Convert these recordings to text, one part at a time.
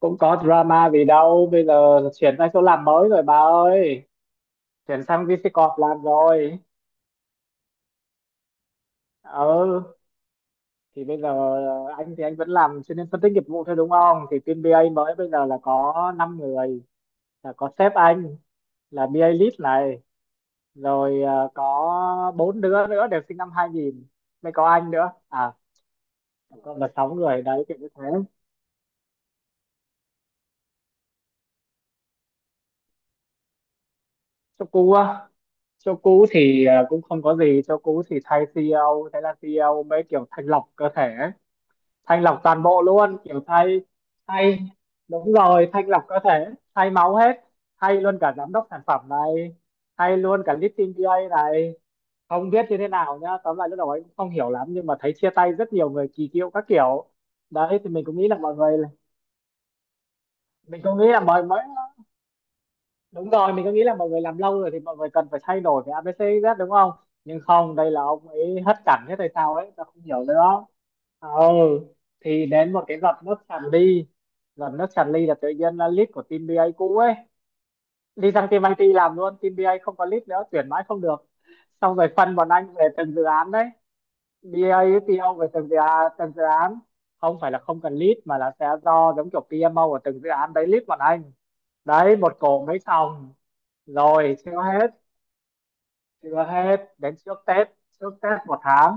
Cũng có drama gì đâu bây giờ. Chuyển sang chỗ làm mới rồi bà ơi. Chuyển sang VC Corp làm rồi. Ừ, thì bây giờ anh thì anh vẫn làm chuyên viên phân tích nghiệp vụ thôi, đúng không, thì team BA mới bây giờ là có 5 người, là có sếp anh, là BA lead này, có 4 đứa nữa đều sinh năm 2000, mới có anh nữa à. Tổng là 6 người đấy, kiểu như thế. Cho cú á. Cho cú thì cũng không có gì. Cho cú thì thay CEO, thế là CEO mới kiểu thanh lọc cơ thể ấy. Thanh lọc toàn bộ luôn, kiểu thay. Thay. Đúng rồi, thanh lọc cơ thể. Thay máu hết. Thay luôn cả giám đốc sản phẩm này, thay luôn cả lead team BA này. Không biết như thế nào nhá, tóm lại lúc đầu ấy cũng không hiểu lắm nhưng mà thấy chia tay rất nhiều người kỳ cựu các kiểu. Đấy thì mình cũng nghĩ là mọi người. mình cũng nghĩ là mọi người Đúng rồi, mình có nghĩ là mọi người làm lâu rồi thì mọi người cần phải thay đổi cái a bê xê z, đúng không. Nhưng không, đây là ông ấy hất cảnh, thế tại sao ấy tao không hiểu nữa đó. Ừ. Thì đến một cái giọt nước tràn ly, giọt nước tràn ly là tự nhiên là lead của team BA cũ ấy đi sang team IT làm luôn, team BA không có lead nữa, tuyển mãi không được. Xong rồi phân bọn anh về từng dự án đấy, BA PO về từng dự án, từng dự án. Không phải là không cần lead mà là sẽ do giống kiểu PMO của từng dự án đấy lead bọn anh. Đấy, một cổ mấy phòng. Rồi chưa hết. Chưa hết, đến trước Tết, trước Tết 1 tháng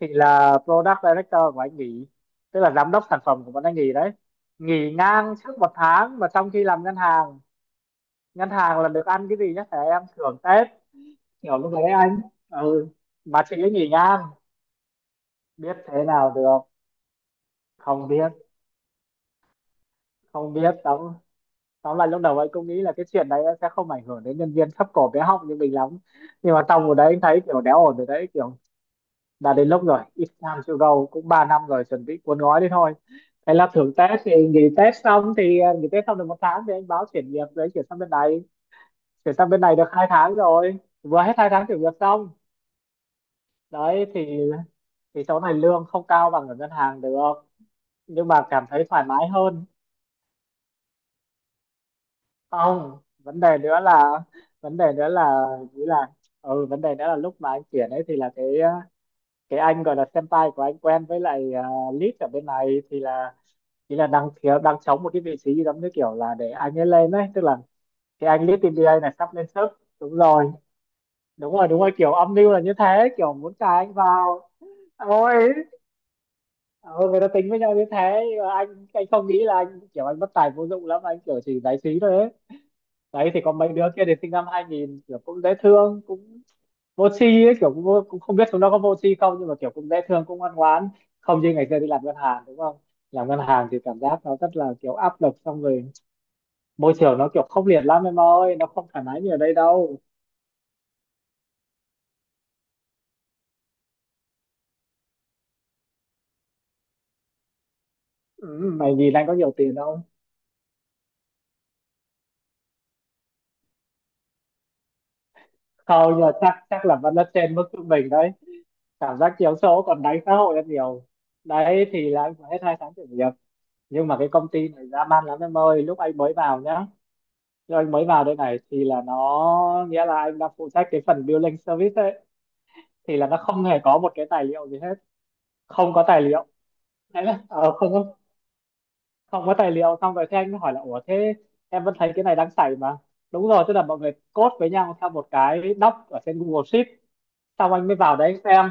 thì là product director của anh nghỉ, tức là giám đốc sản phẩm của bọn anh nghỉ đấy. Nghỉ ngang trước 1 tháng mà trong khi làm ngân hàng, ngân hàng là được ăn cái gì nhá, thẻ em, thưởng Tết. Kiểu lúc đấy anh. Ừ. Mà chị ấy nghỉ ngang. Biết thế nào được. Không biết. Không biết tóm tóm lại lúc đầu anh cũng nghĩ là cái chuyện đấy sẽ không ảnh hưởng đến nhân viên thấp cổ bé họng như mình lắm. Nhưng mà xong rồi đấy anh thấy kiểu đéo ổn rồi đấy, kiểu đã đến lúc rồi, it's time to go, cũng 3 năm rồi chuẩn bị cuốn gói đi thôi. Thế là thưởng Tết thì nghỉ Tết xong thì nghỉ Tết xong được 1 tháng thì anh báo chuyển việc đấy chuyển sang bên này. Chuyển sang bên này được 2 tháng rồi, vừa hết 2 tháng chuyển việc xong. Đấy thì, chỗ này lương không cao bằng ở ngân hàng được, nhưng mà cảm thấy thoải mái hơn. Không, vấn đề nữa là. vấn đề nữa là nghĩ là ừ, vấn đề nữa là lúc mà anh chuyển ấy thì là cái cái anh gọi là senpai của anh quen với lại, lead ở bên này thì là, đang thiếu đang trống một cái vị trí giống như kiểu là để anh ấy lên đấy, tức là cái anh lead TBA này sắp lên sớp. Đúng rồi. Đúng rồi, đúng rồi, kiểu âm mưu là như thế, kiểu muốn cài anh vào. Ôi. Ừ, người ta tính với nhau như thế nhưng mà anh không nghĩ là anh kiểu anh bất tài vô dụng lắm, anh kiểu chỉ giải trí thôi ấy. Đấy thì có mấy đứa kia thì sinh năm 2000 kiểu cũng dễ thương cũng vô tri ấy, kiểu cũng, cũng không biết chúng nó có vô tri không nhưng mà kiểu cũng dễ thương cũng ngoan ngoãn. Không như ngày xưa đi làm ngân hàng, đúng không. Làm ngân hàng thì cảm giác nó rất là kiểu áp lực, xong rồi môi trường nó kiểu khốc liệt lắm em ơi, nó không thoải mái như ở đây đâu. Ừ, mày nhìn anh có nhiều tiền không? Không, nhưng mà chắc chắc là vẫn là trên mức trung bình đấy. Cảm giác chiếu số còn đánh xã hội rất nhiều. Đấy thì là anh phải hết 2 tháng thử việc. Nhưng mà cái công ty này dã man lắm em ơi, lúc anh mới vào nhá. Nhưng anh mới vào đây này thì là nó nghĩa là anh đang phụ trách cái phần billing service ấy, thì là nó không hề có một cái tài liệu gì hết, không có tài liệu. Đấy là không có, không có tài liệu. Xong rồi thế anh mới hỏi là, ủa thế em vẫn thấy cái này đang xảy mà. Đúng rồi, tức là mọi người code với nhau theo một cái doc ở trên Google Sheet. Xong anh mới vào đấy xem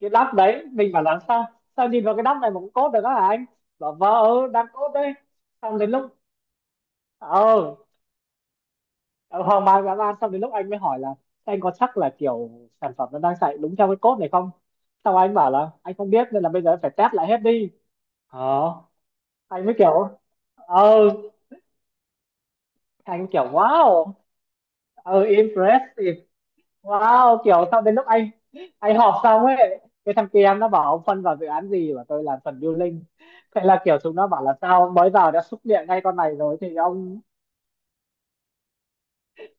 cái doc đấy, mình bảo là sao, nhìn vào cái doc này mà cũng code được đó hả anh? Bảo vâng, ừ, đang code đấy. Xong đến lúc. Ờ. Ờ, hoang mang dã man. Xong đến lúc anh mới hỏi là, "Thế anh có chắc là kiểu sản phẩm nó đang chạy đúng theo cái code này không?" Sau anh bảo là anh không biết nên là bây giờ em phải test lại hết đi. Ờ. Anh mới kiểu. Ờ. Anh kiểu wow. Ờ, impressive. Wow, kiểu sau đến lúc anh họp xong ấy, cái thằng kia em nó bảo ông phân vào dự án gì và tôi làm phần building. Thế là kiểu chúng nó bảo là sao mới vào đã xúc miệng ngay con này rồi thì ông,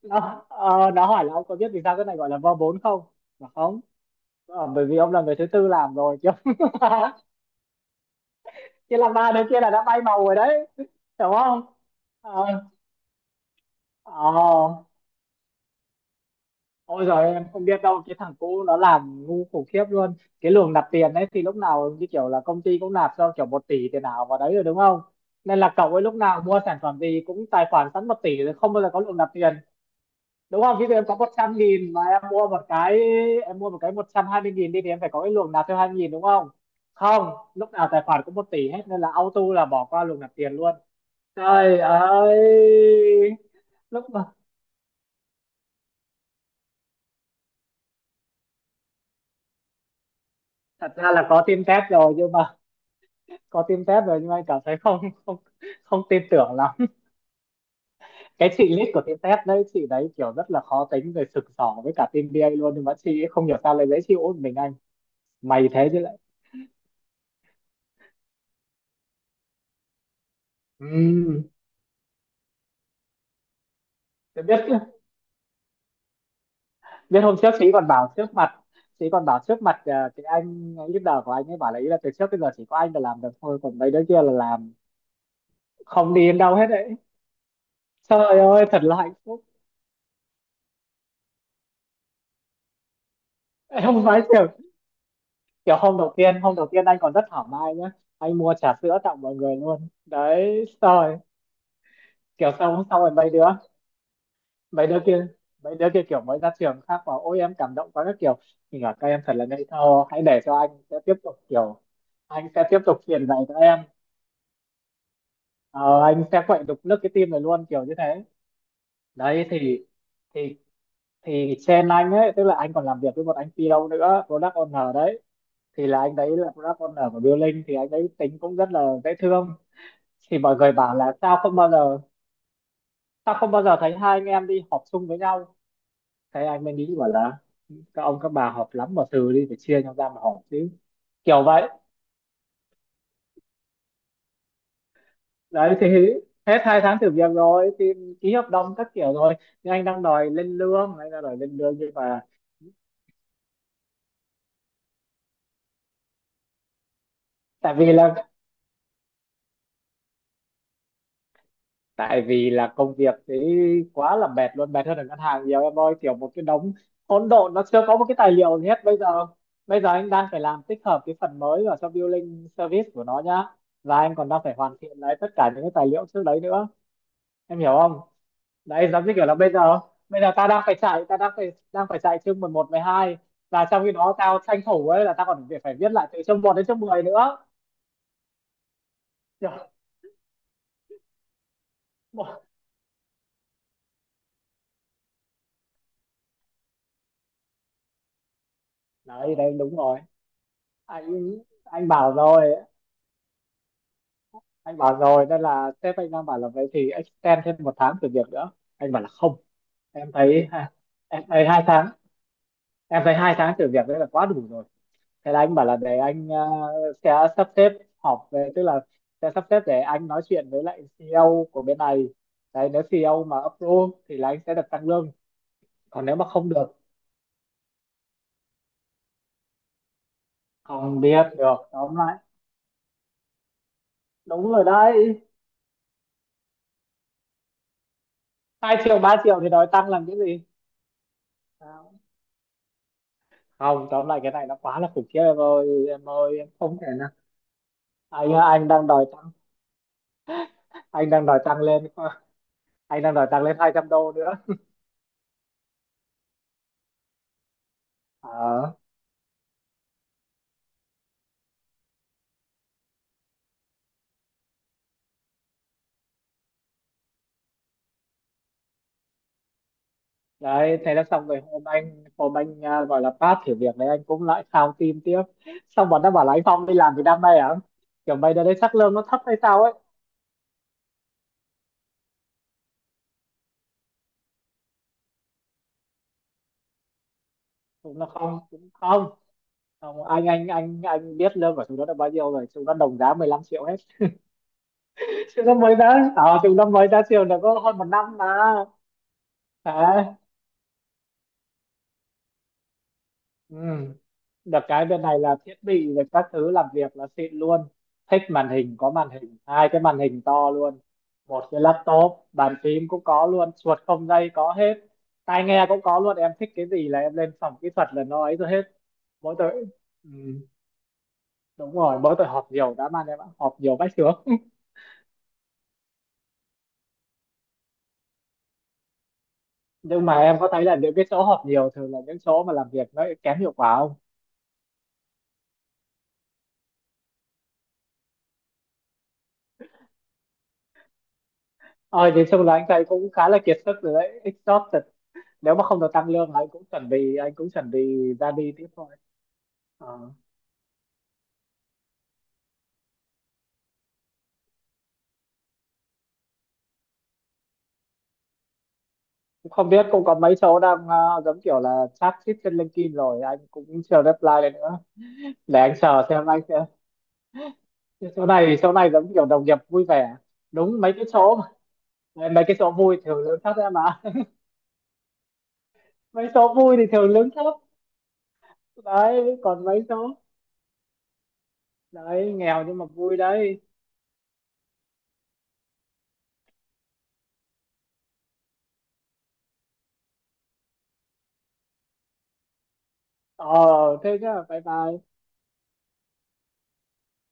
nó hỏi là ông có biết vì sao cái này gọi là v4 không? Mà không. Ờ, bởi vì ông là người thứ tư làm rồi chứ không- chứ là ba đứa kia là đã bay màu rồi đấy. Hiểu không? Ờ. Ờ. Ôi giời em không biết đâu, cái thằng cũ nó làm ngu khủng khiếp luôn. Cái luồng nạp tiền ấy thì lúc nào như kiểu là công ty cũng nạp cho kiểu 1 tỷ tiền ảo vào đấy rồi, đúng không, nên là cậu ấy lúc nào mua sản phẩm gì cũng tài khoản sẵn 1 tỷ rồi không bao giờ có luồng nạp tiền. Đúng không, chứ em có 100.000 mà em mua một cái, 120.000 đi thì em phải có cái luồng nạp thêm 2 nghìn, đúng không. Không, lúc nào tài khoản cũng 1 tỷ hết nên là auto là bỏ qua luồng nạp tiền luôn. Trời ơi. Lúc mà. Thật ra là có team test rồi nhưng mà, em cảm thấy không không không tin tưởng lắm. Cái chị lead của team test đấy, chị đấy kiểu rất là khó tính, rồi sực sỏ với cả team BA luôn, nhưng mà chị ấy không hiểu sao lại dễ chịu với mình anh. Mày thế chứ lại. Ừ, tôi biết. Biết hôm trước chị còn bảo trước mặt, cái anh leader của anh ấy bảo là, ý là từ trước bây giờ chỉ có anh là làm được thôi, còn mấy đứa kia là làm không đi đến đâu hết đấy. Trời ơi, thật là hạnh phúc. em không nói kiểu, kiểu hôm đầu tiên anh còn rất thảo mai nhá, anh mua trà sữa tặng mọi người luôn đấy rồi, kiểu xong xong rồi mấy đứa, mấy đứa kia mấy đứa kia kiểu mới ra trường khác bảo ôi em cảm động quá các kiểu. Mình bảo các em thật là ngây thơ, hãy để cho anh sẽ tiếp tục kiểu, anh sẽ tiếp tục truyền dạy cho em. Ờ, anh sẽ quậy đục nước cái tim này luôn, kiểu như thế. Đấy thì, thì thì trên anh ấy, tức là anh còn làm việc với một anh PO nữa, product owner đấy, thì là anh đấy là product owner của Building, thì anh đấy tính cũng rất là dễ thương. Thì mọi người bảo là sao không bao giờ, thấy hai anh em đi họp chung với nhau. Thế anh mới nghĩ bảo là, các ông các bà họp lắm mà từ đi phải chia nhau ra mà họp chứ, kiểu vậy. Đấy thì hết 2 tháng thử việc rồi thì ký hợp đồng các kiểu rồi, nhưng anh đang đòi lên lương nhưng mà, tại vì là tại vì là công việc thế quá là mệt luôn, mệt hơn ở ngân hàng nhiều em ơi, kiểu một cái đống hỗn độn, nó chưa có một cái tài liệu gì hết bây giờ anh đang phải làm tích hợp cái phần mới vào trong billing service của nó nhá. Và anh còn đang phải hoàn thiện lại tất cả những cái tài liệu trước đấy nữa. Em hiểu không? Đấy, giống như kiểu là bây giờ ta đang phải chạy, ta đang phải chạy chương 11, 12, và trong khi đó tao tranh thủ ấy là tao còn phải phải viết lại từ chương một đến chương 10 nữa. Trời! Đấy đấy, đúng rồi. Anh anh bảo rồi nên là sếp anh đang bảo là vậy thì extend thêm một tháng thử việc nữa. Anh bảo là không. Em thấy ha, em thấy hai tháng em thấy hai tháng thử việc đấy là quá đủ rồi. Thế là anh bảo là để anh sẽ sắp xếp họp về, tức là sẽ sắp xếp để anh nói chuyện với lại CEO của bên này. Đấy, nếu CEO mà approve thì là anh sẽ được tăng lương, còn nếu mà không được không biết được. Tóm lại đúng rồi đấy, 2 triệu 3 triệu thì nói tăng làm cái gì? Không, tóm lại cái này nó quá là khủng khiếp em ơi, em không thể. Anh á, anh đang đòi tăng anh đang đòi tăng lên anh đang đòi tăng lên 200 đô nữa. Ờ, đấy thế là xong rồi. Hôm anh à, gọi là pass thử việc đấy anh cũng lại khao tim tiếp. Xong bọn nó bảo là anh Phong đi làm từ năm nay à, kiểu mày đợt đấy chắc lương nó thấp hay sao ấy. Chúng nó không, cũng không, không. Anh biết lương của chúng nó là bao nhiêu rồi, chúng nó đồng giá 15 triệu hết. chúng nó mới ra chúng nó mới ra trường được có hơn một năm mà. Đấy. Ừ. Được cái bên này là thiết bị và các thứ làm việc là xịn luôn. Thích màn hình có màn hình, hai cái màn hình to luôn. Một cái laptop, bàn phím cũng có luôn, chuột không dây có hết. Tai nghe cũng có luôn, em thích cái gì là em lên phòng kỹ thuật là nó ấy rồi hết. Mỗi tội ừ. Đúng rồi, mỗi tội họp nhiều đã man em ạ, họp nhiều vách chướng. Nhưng mà em có thấy là những cái chỗ họp nhiều thường là những chỗ mà làm việc nó kém hiệu quả không? Ôi, nói chung là anh thấy cũng khá là kiệt sức rồi đấy, exhausted. Nếu mà không được tăng lương anh cũng chuẩn bị, ra đi tiếp thôi. Ờ. Cũng không biết, cũng có mấy chỗ đang giống kiểu là chat chít trên LinkedIn rồi anh cũng chờ reply lên nữa. Để anh chờ xem anh sẽ, cái chỗ này, chỗ này giống kiểu đồng nghiệp vui vẻ. Đúng, mấy cái chỗ vui thường lương thấp em ạ. Mấy chỗ vui thì thường lương thấp đấy. Còn mấy chỗ đấy nghèo nhưng mà vui đấy. Ờ, thế nhá, bye bye.